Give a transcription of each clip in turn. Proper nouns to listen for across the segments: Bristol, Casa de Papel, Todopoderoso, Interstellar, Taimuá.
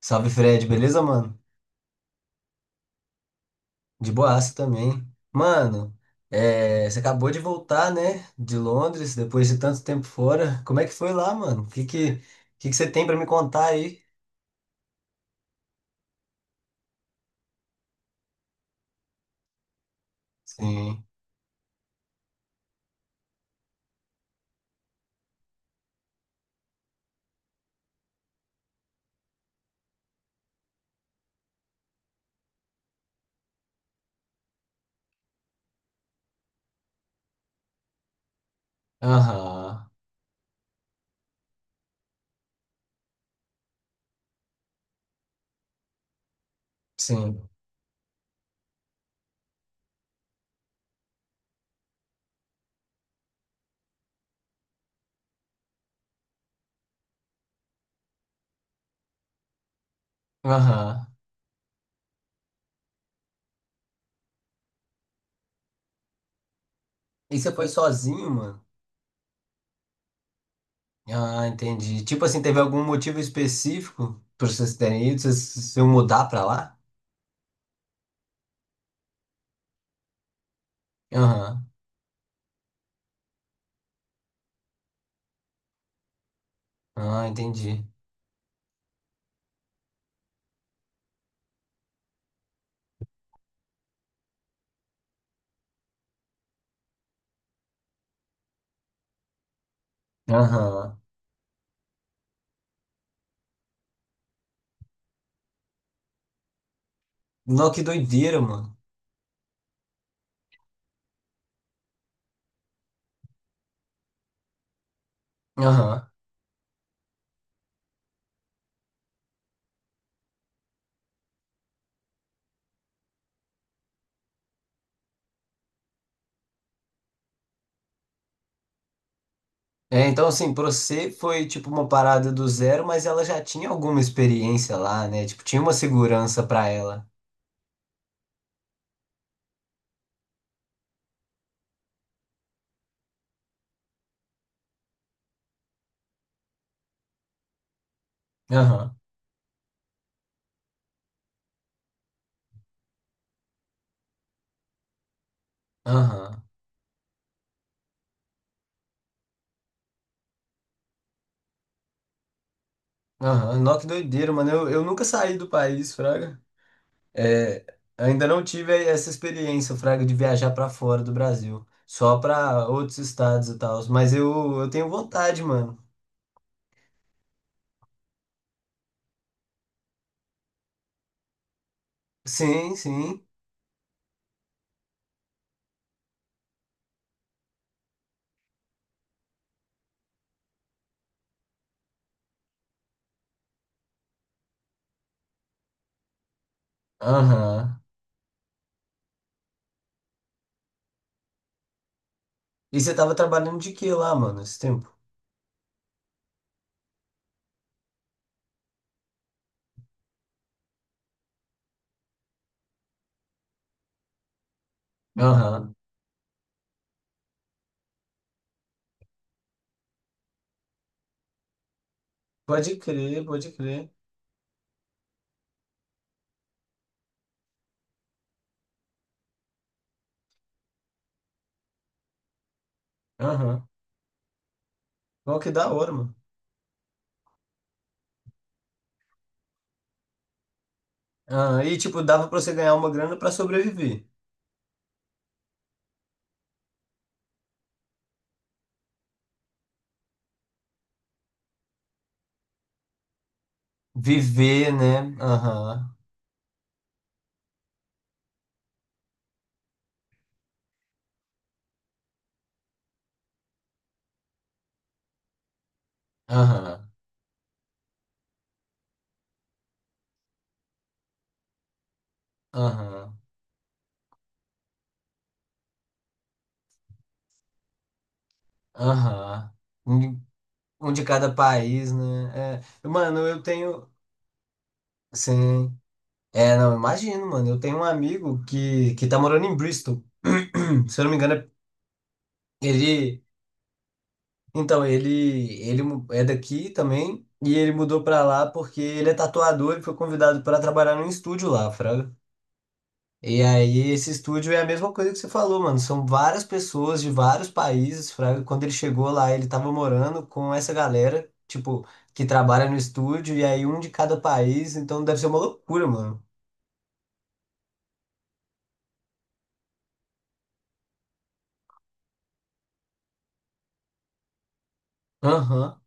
Salve Fred, beleza, mano? De boaça também. Mano, você acabou de voltar, né? De Londres, depois de tanto tempo fora. Como é que foi lá, mano? O que que você tem pra me contar aí? Sim. Aham. Sim. Aham. E você foi sozinho, mano? Ah, entendi. Tipo assim, teve algum motivo específico pra vocês terem ido? Vocês se mudar pra lá? Aham. Ah, entendi. Aham. Não, que doideira, mano. Aham. É, então, assim, pra você foi tipo uma parada do zero, mas ela já tinha alguma experiência lá, né? Tipo, tinha uma segurança pra ela. Aham, aham, aham. Nó, que doideira, mano. Eu nunca saí do país, Fraga. É, ainda não tive essa experiência, Fraga, de viajar pra fora do Brasil. Só pra outros estados e tal. Mas eu tenho vontade, mano. Sim, sim. Aham. E você tava trabalhando de quê lá, mano, esse tempo? Aham. Pode crer, pode crer. Aham. Ó, que da hora, mano. Ah, e tipo, dava pra você ganhar uma grana pra sobreviver. Viver, né? Aham. Aham. Aham. Aham. Um de Um de cada país, né? É. Mano, eu tenho. Sim. É, não, imagino, mano. Eu tenho um amigo que tá morando em Bristol. Se eu não me engano, ele. Então, ele é daqui também. E ele mudou pra lá porque ele é tatuador e foi convidado pra trabalhar num estúdio lá, fraga. E aí, esse estúdio é a mesma coisa que você falou, mano. São várias pessoas de vários países, fraga. Quando ele chegou lá, ele tava morando com essa galera, tipo, que trabalha no estúdio, e aí um de cada país, então deve ser uma loucura, mano. Aham,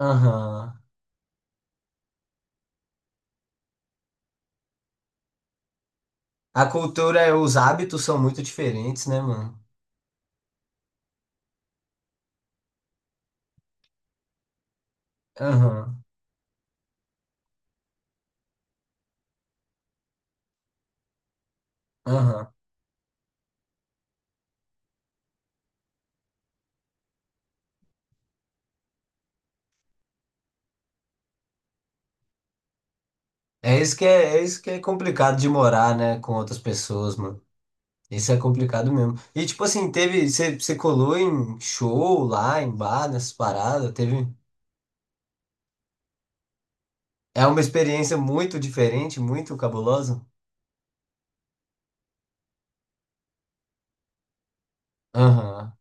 aham. A cultura, os hábitos são muito diferentes, né, mano? Aham, aham. É isso que é complicado de morar, né, com outras pessoas, mano. Isso é complicado mesmo. E tipo assim, teve. Você colou em show lá, em bar, nessas paradas, teve. É uma experiência muito diferente, muito cabulosa. Aham.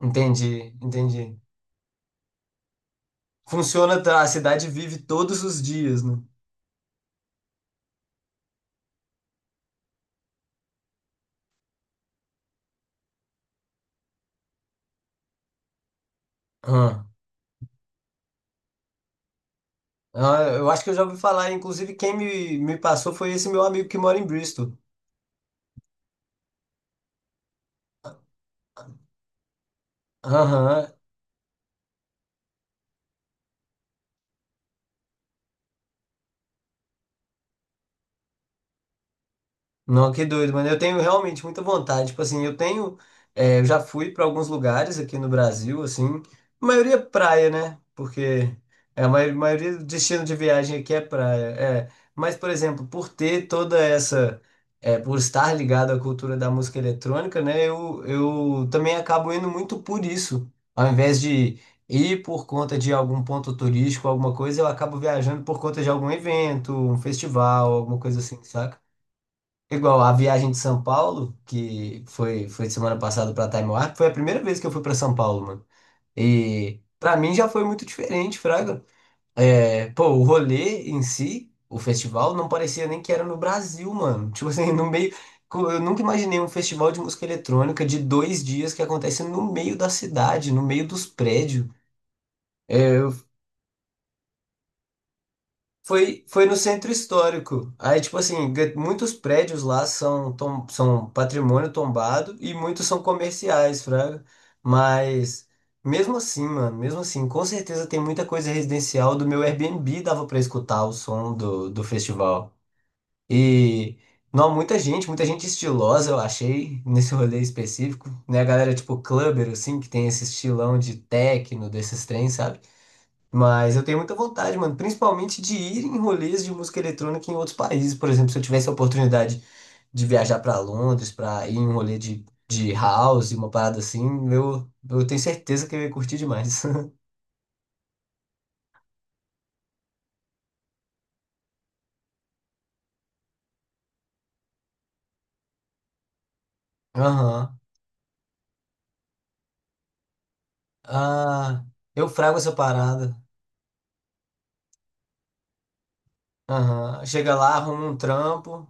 Entendi, entendi. Funciona, tá, a cidade vive todos os dias, né? Ah. Ah, eu acho que eu já ouvi falar, inclusive quem me passou foi esse meu amigo que mora em Bristol. Aham. Não, que doido, mano. Eu tenho realmente muita vontade. Tipo assim, eu tenho. É, eu já fui para alguns lugares aqui no Brasil, assim. A maioria é praia, né? Porque é, a maioria do destino de viagem aqui é praia. É. Mas, por exemplo, por ter toda essa. É, por estar ligado à cultura da música eletrônica, né? Eu também acabo indo muito por isso. Ao invés de ir por conta de algum ponto turístico, alguma coisa, eu acabo viajando por conta de algum evento, um festival, alguma coisa assim, saca? Igual a viagem de São Paulo, que foi semana passada para Taimuá, que foi a primeira vez que eu fui para São Paulo, mano. E para mim já foi muito diferente, Fraga. É, pô, o rolê em si, o festival, não parecia nem que era no Brasil, mano. Tipo assim, no meio. Eu nunca imaginei um festival de música eletrônica de 2 dias que acontece no meio da cidade, no meio dos prédios. Foi no centro histórico. Aí, tipo assim, muitos prédios lá são, são patrimônio tombado e muitos são comerciais, fraga. Mas, mesmo assim, mano, mesmo assim, com certeza tem muita coisa residencial. Do meu Airbnb dava pra escutar o som do festival. E, não, muita gente estilosa, eu achei, nesse rolê específico. Né, a galera, tipo, clubber, assim, que tem esse estilão de techno, desses trens, sabe? Mas eu tenho muita vontade, mano, principalmente de ir em rolês de música eletrônica em outros países. Por exemplo, se eu tivesse a oportunidade de viajar pra Londres, pra ir em um rolê de house, uma parada assim, eu tenho certeza que eu ia curtir demais. Aham. Ah, eu frago essa parada. Aham. Chega lá, arruma um trampo.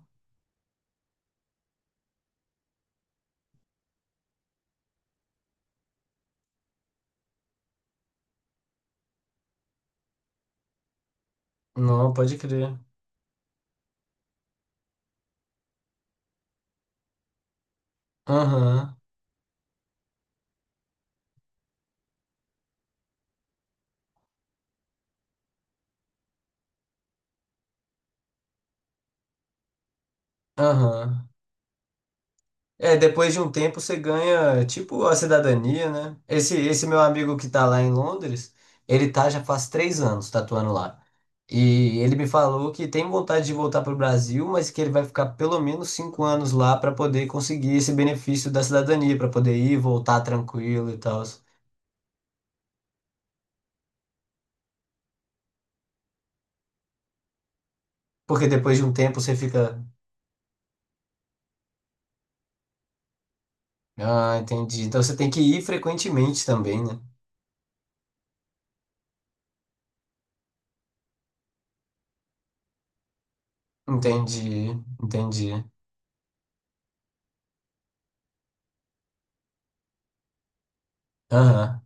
Não, pode crer. Aham. Aham. É, depois de um tempo você ganha, tipo, a cidadania, né? Esse meu amigo que tá lá em Londres, ele tá já faz 3 anos tatuando lá. E ele me falou que tem vontade de voltar pro Brasil, mas que ele vai ficar pelo menos 5 anos lá para poder conseguir esse benefício da cidadania, para poder ir e voltar tranquilo e tal. Porque depois de um tempo você fica. Ah, entendi. Então você tem que ir frequentemente também, né? Entendi, entendi. Aham,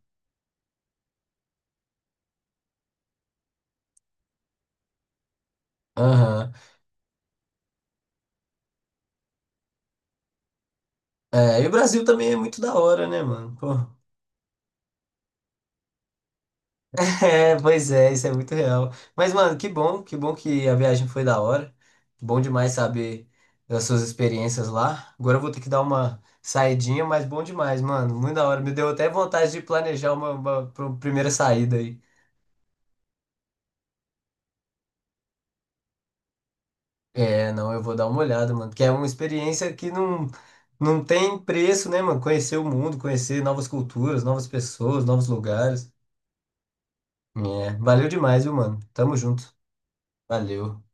aham. É, e o Brasil também é muito da hora, né, mano? Pô. É, pois é, isso é muito real. Mas, mano, que bom, que bom que a viagem foi da hora. Bom demais saber das suas experiências lá. Agora eu vou ter que dar uma saidinha, mas bom demais, mano. Muito da hora. Me deu até vontade de planejar uma primeira saída aí. É, não, eu vou dar uma olhada, mano. Que é uma experiência que não tem preço, né, mano? Conhecer o mundo, conhecer novas culturas, novas pessoas, novos lugares. É, valeu demais, viu, mano? Tamo junto. Valeu.